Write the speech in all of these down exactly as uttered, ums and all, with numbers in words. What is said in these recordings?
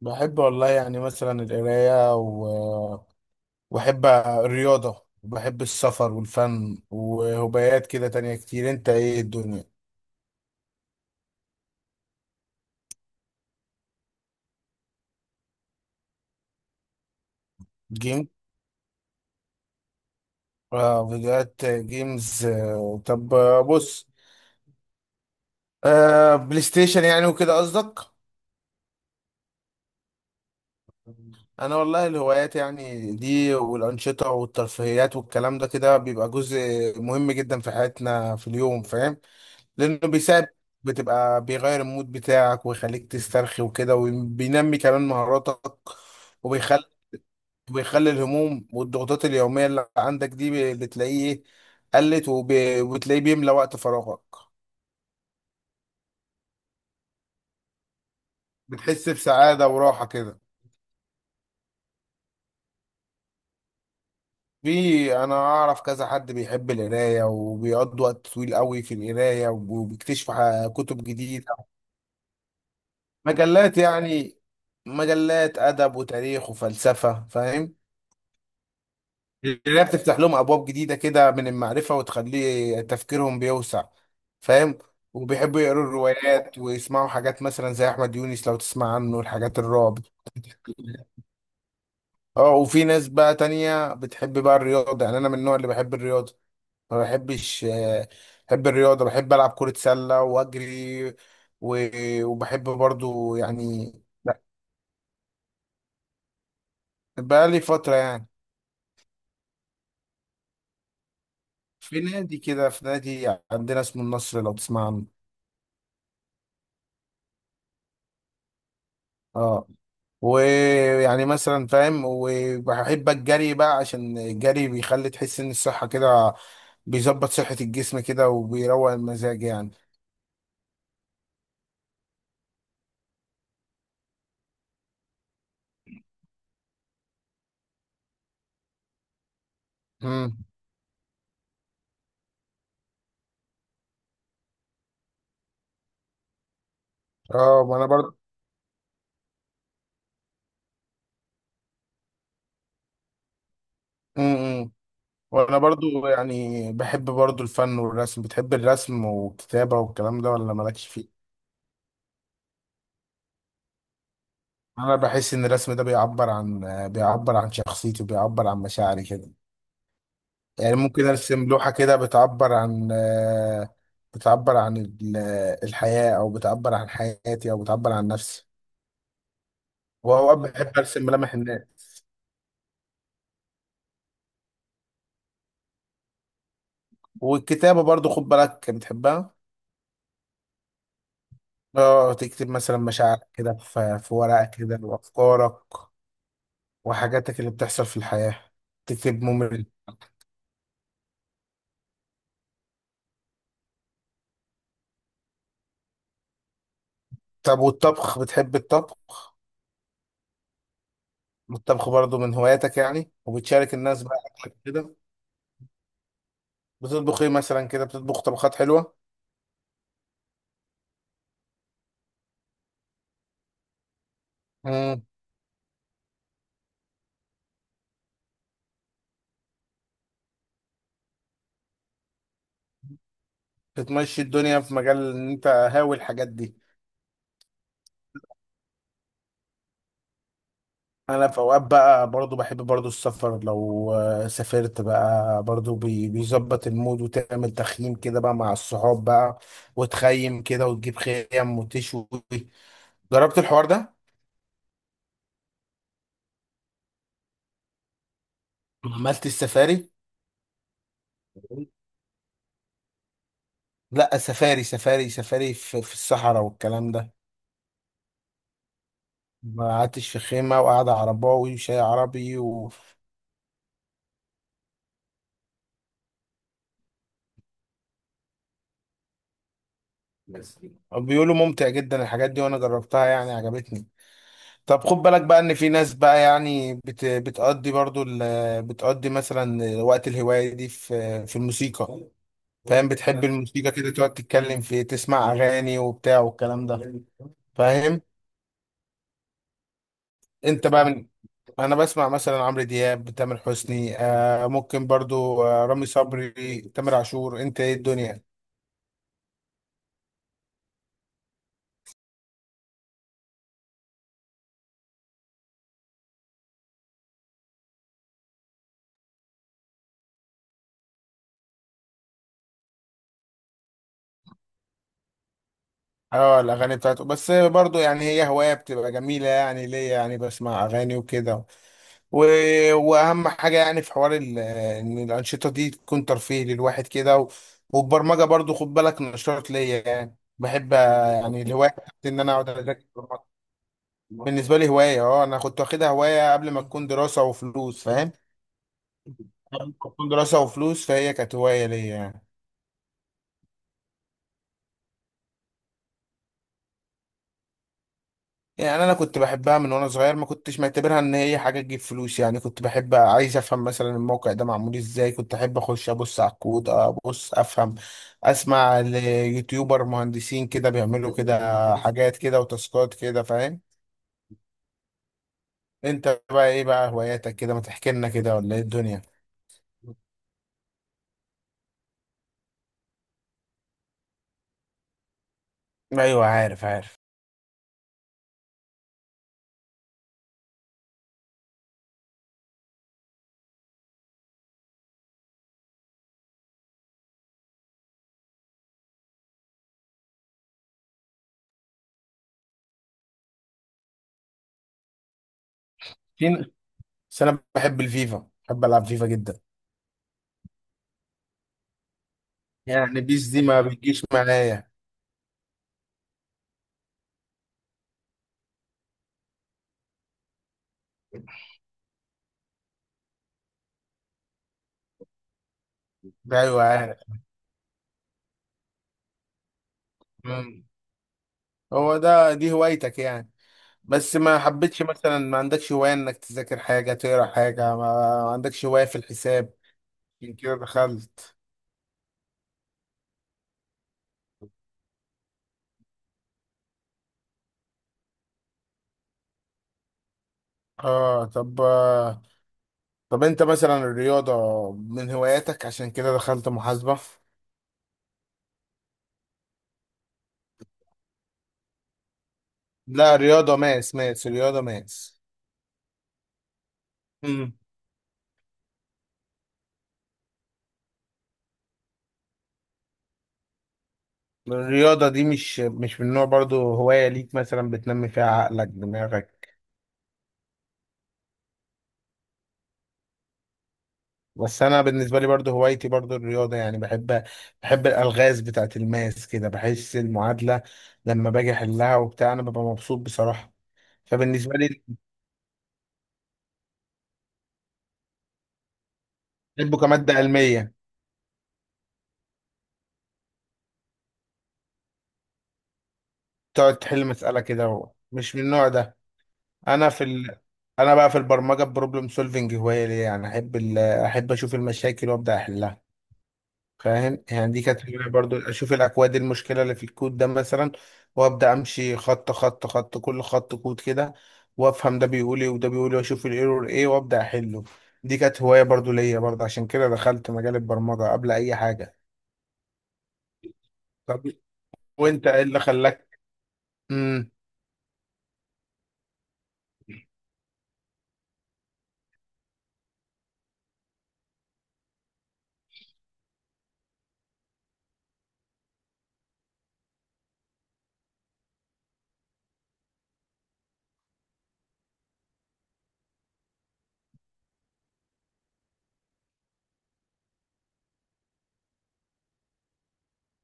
بحب والله يعني مثلا القراية و... وأحب الرياضة وبحب السفر والفن وهوايات كده تانية كتير. أنت إيه الدنيا؟ جيم؟ آه، فيديوهات جيمز. آه طب، آه، بص. آه، بلاي ستيشن يعني وكده قصدك؟ أنا والله الهوايات يعني دي والأنشطة والترفيهيات والكلام ده كده بيبقى جزء مهم جدا في حياتنا في اليوم، فاهم؟ لانه بيساعد، بتبقى بيغير المود بتاعك ويخليك تسترخي وكده وبينمي كمان مهاراتك. وبيخلي وبيخلي الهموم والضغوطات اليومية اللي عندك دي ب- بتلاقيه قلت، وب- وبتلاقيه بيملى وقت فراغك. بتحس بسعادة وراحة كده. في انا اعرف كذا حد بيحب القرايه وبيقضي وقت طويل قوي في القرايه وبيكتشف ح- كتب جديده. مجلات يعني، مجلات ادب وتاريخ وفلسفه، فاهم؟ اللي هي بتفتح لهم ابواب جديده كده من المعرفه وتخلي تفكيرهم بيوسع، فاهم؟ وبيحبوا يقروا الروايات ويسمعوا حاجات مثلا زي احمد يونس لو تسمع عنه، الحاجات الرعب. اه، وفي ناس بقى تانية بتحب بقى الرياضه. يعني انا من النوع اللي بحب الرياضه، ما بحبش، آه، بحب الرياضه، بحب العب كره سله واجري. و- وبحب برضو يعني. لا، بقى لي فتره يعني. في نادي كده، في نادي عندنا اسمه النصر لو تسمع عنه. اه. ويعني مثلا فاهم، وبحب الجري بقى عشان الجري بيخلي تحس ان الصحة كده، بيظبط صحة الجسم كده وبيروق المزاج يعني. امم. اه، وانا برضه. امم. وانا برضه يعني بحب برضه الفن والرسم. بتحب الرسم والكتابة والكلام ده، ولا مالكش فيه؟ انا بحس ان الرسم ده بيعبر عن، بيعبر عن شخصيتي وبيعبر عن مشاعري كده. يعني ممكن ارسم لوحة كده بتعبر عن، آه، بتعبر عن ال- الحياة، او بتعبر عن حياتي او بتعبر عن نفسي. واوقات بحب ارسم ملامح الناس. والكتابة برضو خد بالك بتحبها. اه، تكتب مثلا مشاعرك كده في في ورقة كده، وافكارك وحاجاتك اللي بتحصل في الحياة. تكتب ممل. طب والطبخ، بتحب الطبخ؟ الطبخ برضو من هواياتك يعني؟ وبتشارك الناس بقى أكلك كده. بتطبخ ايه مثلا كده؟ بتطبخ طبخات حلوة؟ بتمشي الدنيا في مجال ان انت هاوي الحاجات دي. انا في اوقات بقى برضو بحب برضو السفر، لو آه، سافرت بقى برضو، بي- بيظبط المود وتعمل تخييم كده بقى مع الصحاب بقى، وتخيم كده وتجيب خيم وتشوي. جربت الحوار ده؟ عملت السفاري؟ لا، سفاري سفاري سفاري في, في الصحراء والكلام ده. ما قعدتش في خيمة وقعدة عرباوي وشاي عربي و... بيقولوا ممتع جدا الحاجات دي وانا جربتها يعني عجبتني. طب خد بالك بقى ان في ناس بقى يعني بت بتقضي برضو ال- بتقضي مثلا وقت الهواية دي في في الموسيقى. فاهم؟ بتحب الموسيقى كده، تقعد تتكلم في تسمع اغاني وبتاع والكلام ده، فاهم؟ انت بقى من انا بسمع مثلا عمرو دياب، تامر حسني، آه ممكن برضو آه رامي صبري، تامر عاشور. انت ايه الدنيا؟ اه، الاغاني بتاعته. بس برضو يعني هي هوايه بتبقى جميله يعني ليا، يعني بسمع اغاني وكده، و... واهم حاجه يعني في حوار ال... ان الانشطه دي تكون ترفيه للواحد كده، و... والبرمجه برضو خد بالك نشاط ليا يعني. بحب يعني الهوايه بتاعتي ان انا اقعد اذاكر برمجة. بالنسبه لي هوايه، اه. انا كنت واخدها هوايه قبل ما تكون دراسه وفلوس، فاهم؟ قبل ما تكون دراسه وفلوس، فهي كانت هوايه ليا يعني. يعني انا كنت بحبها من وانا صغير، ما كنتش معتبرها ان هي حاجه تجيب فلوس يعني. كنت بحب، عايز افهم مثلا الموقع ده معمول ازاي، كنت احب اخش ابص على الكود، ابص افهم. اسمع ليوتيوبر مهندسين كده بيعملوا كده حاجات كده وتاسكات كده، فاهم؟ انت بقى ايه بقى هواياتك كده؟ ما تحكي لنا كده، ولا ايه الدنيا؟ ايوه، عارف عارف. فين؟ بس انا بحب الفيفا، بحب العب فيفا جدا. يعني بيس دي ما بتجيش معايا. ايوه عارف. مم. هو ده دي هوايتك يعني؟ بس ما حبيتش مثلا، ما عندكش هواية انك تذاكر حاجة، تقرا حاجة؟ ما ما عندكش هواية في الحساب؟ عشان كده دخلت. اه طب، آه، طب انت مثلا الرياضة من هواياتك؟ عشان كده دخلت محاسبة. لا، رياضة ماس ماس رياضة ماس. امم. الرياضة دي مش مش من نوع برضو هواية ليك، مثلا بتنمي فيها عقلك دماغك؟ بس انا بالنسبه لي برضو هوايتي برضو الرياضه يعني. بحب بحب الالغاز بتاعه الماس كده، بحس المعادله لما باجي احلها وبتاع انا ببقى مبسوط بصراحه. فبالنسبه لي بحبه كماده علميه. تقعد تحل مساله كده، و- مش من النوع ده. انا في ال... انا بقى في البرمجه بروبلم سولفنج هوايه ليا، يعني احب ال... احب اشوف المشاكل وابدا احلها، فاهم؟ يعني دي كانت فكرة برضو، اشوف الاكواد المشكله اللي في الكود ده مثلا، وابدا امشي خط خط خط كل خط كود كده، وافهم ده بيقول ايه وده بيقول ايه واشوف الايرور ايه وابدا احله. دي كانت هوايه برضو ليا برضو، عشان كده دخلت مجال البرمجه قبل اي حاجه. طب وانت ايه اللي خلاك؟ امم.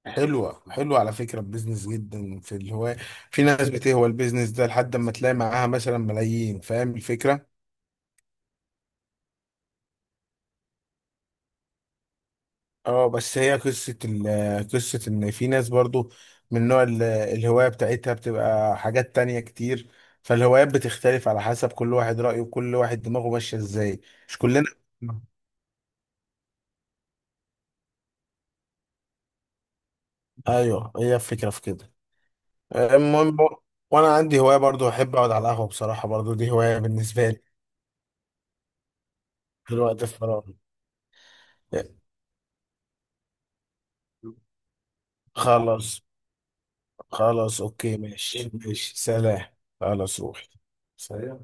حلوه حلوه على فكره، البيزنس جدا في الهوايه. في ناس بتهوى البيزنس ده لحد ما تلاقي معاها مثلا ملايين، فاهم الفكره؟ اه، بس هي قصة ال- قصة ان في ناس برضو من نوع ال- الهواية بتاعتها بتبقى حاجات تانية كتير. فالهوايات بتختلف على حسب كل واحد رأيه وكل واحد دماغه ماشية ازاي. مش كلنا. ايوه، هي الفكرة في كده. المهم بق- وانا عندي هواية برضو، احب اقعد على القهوة بصراحة، برضو دي هواية بالنسبة لي في الوقت الفراغ. خلاص. خلاص، اوكي، ماشي ماشي، سلام. خلاص، روح. سلام.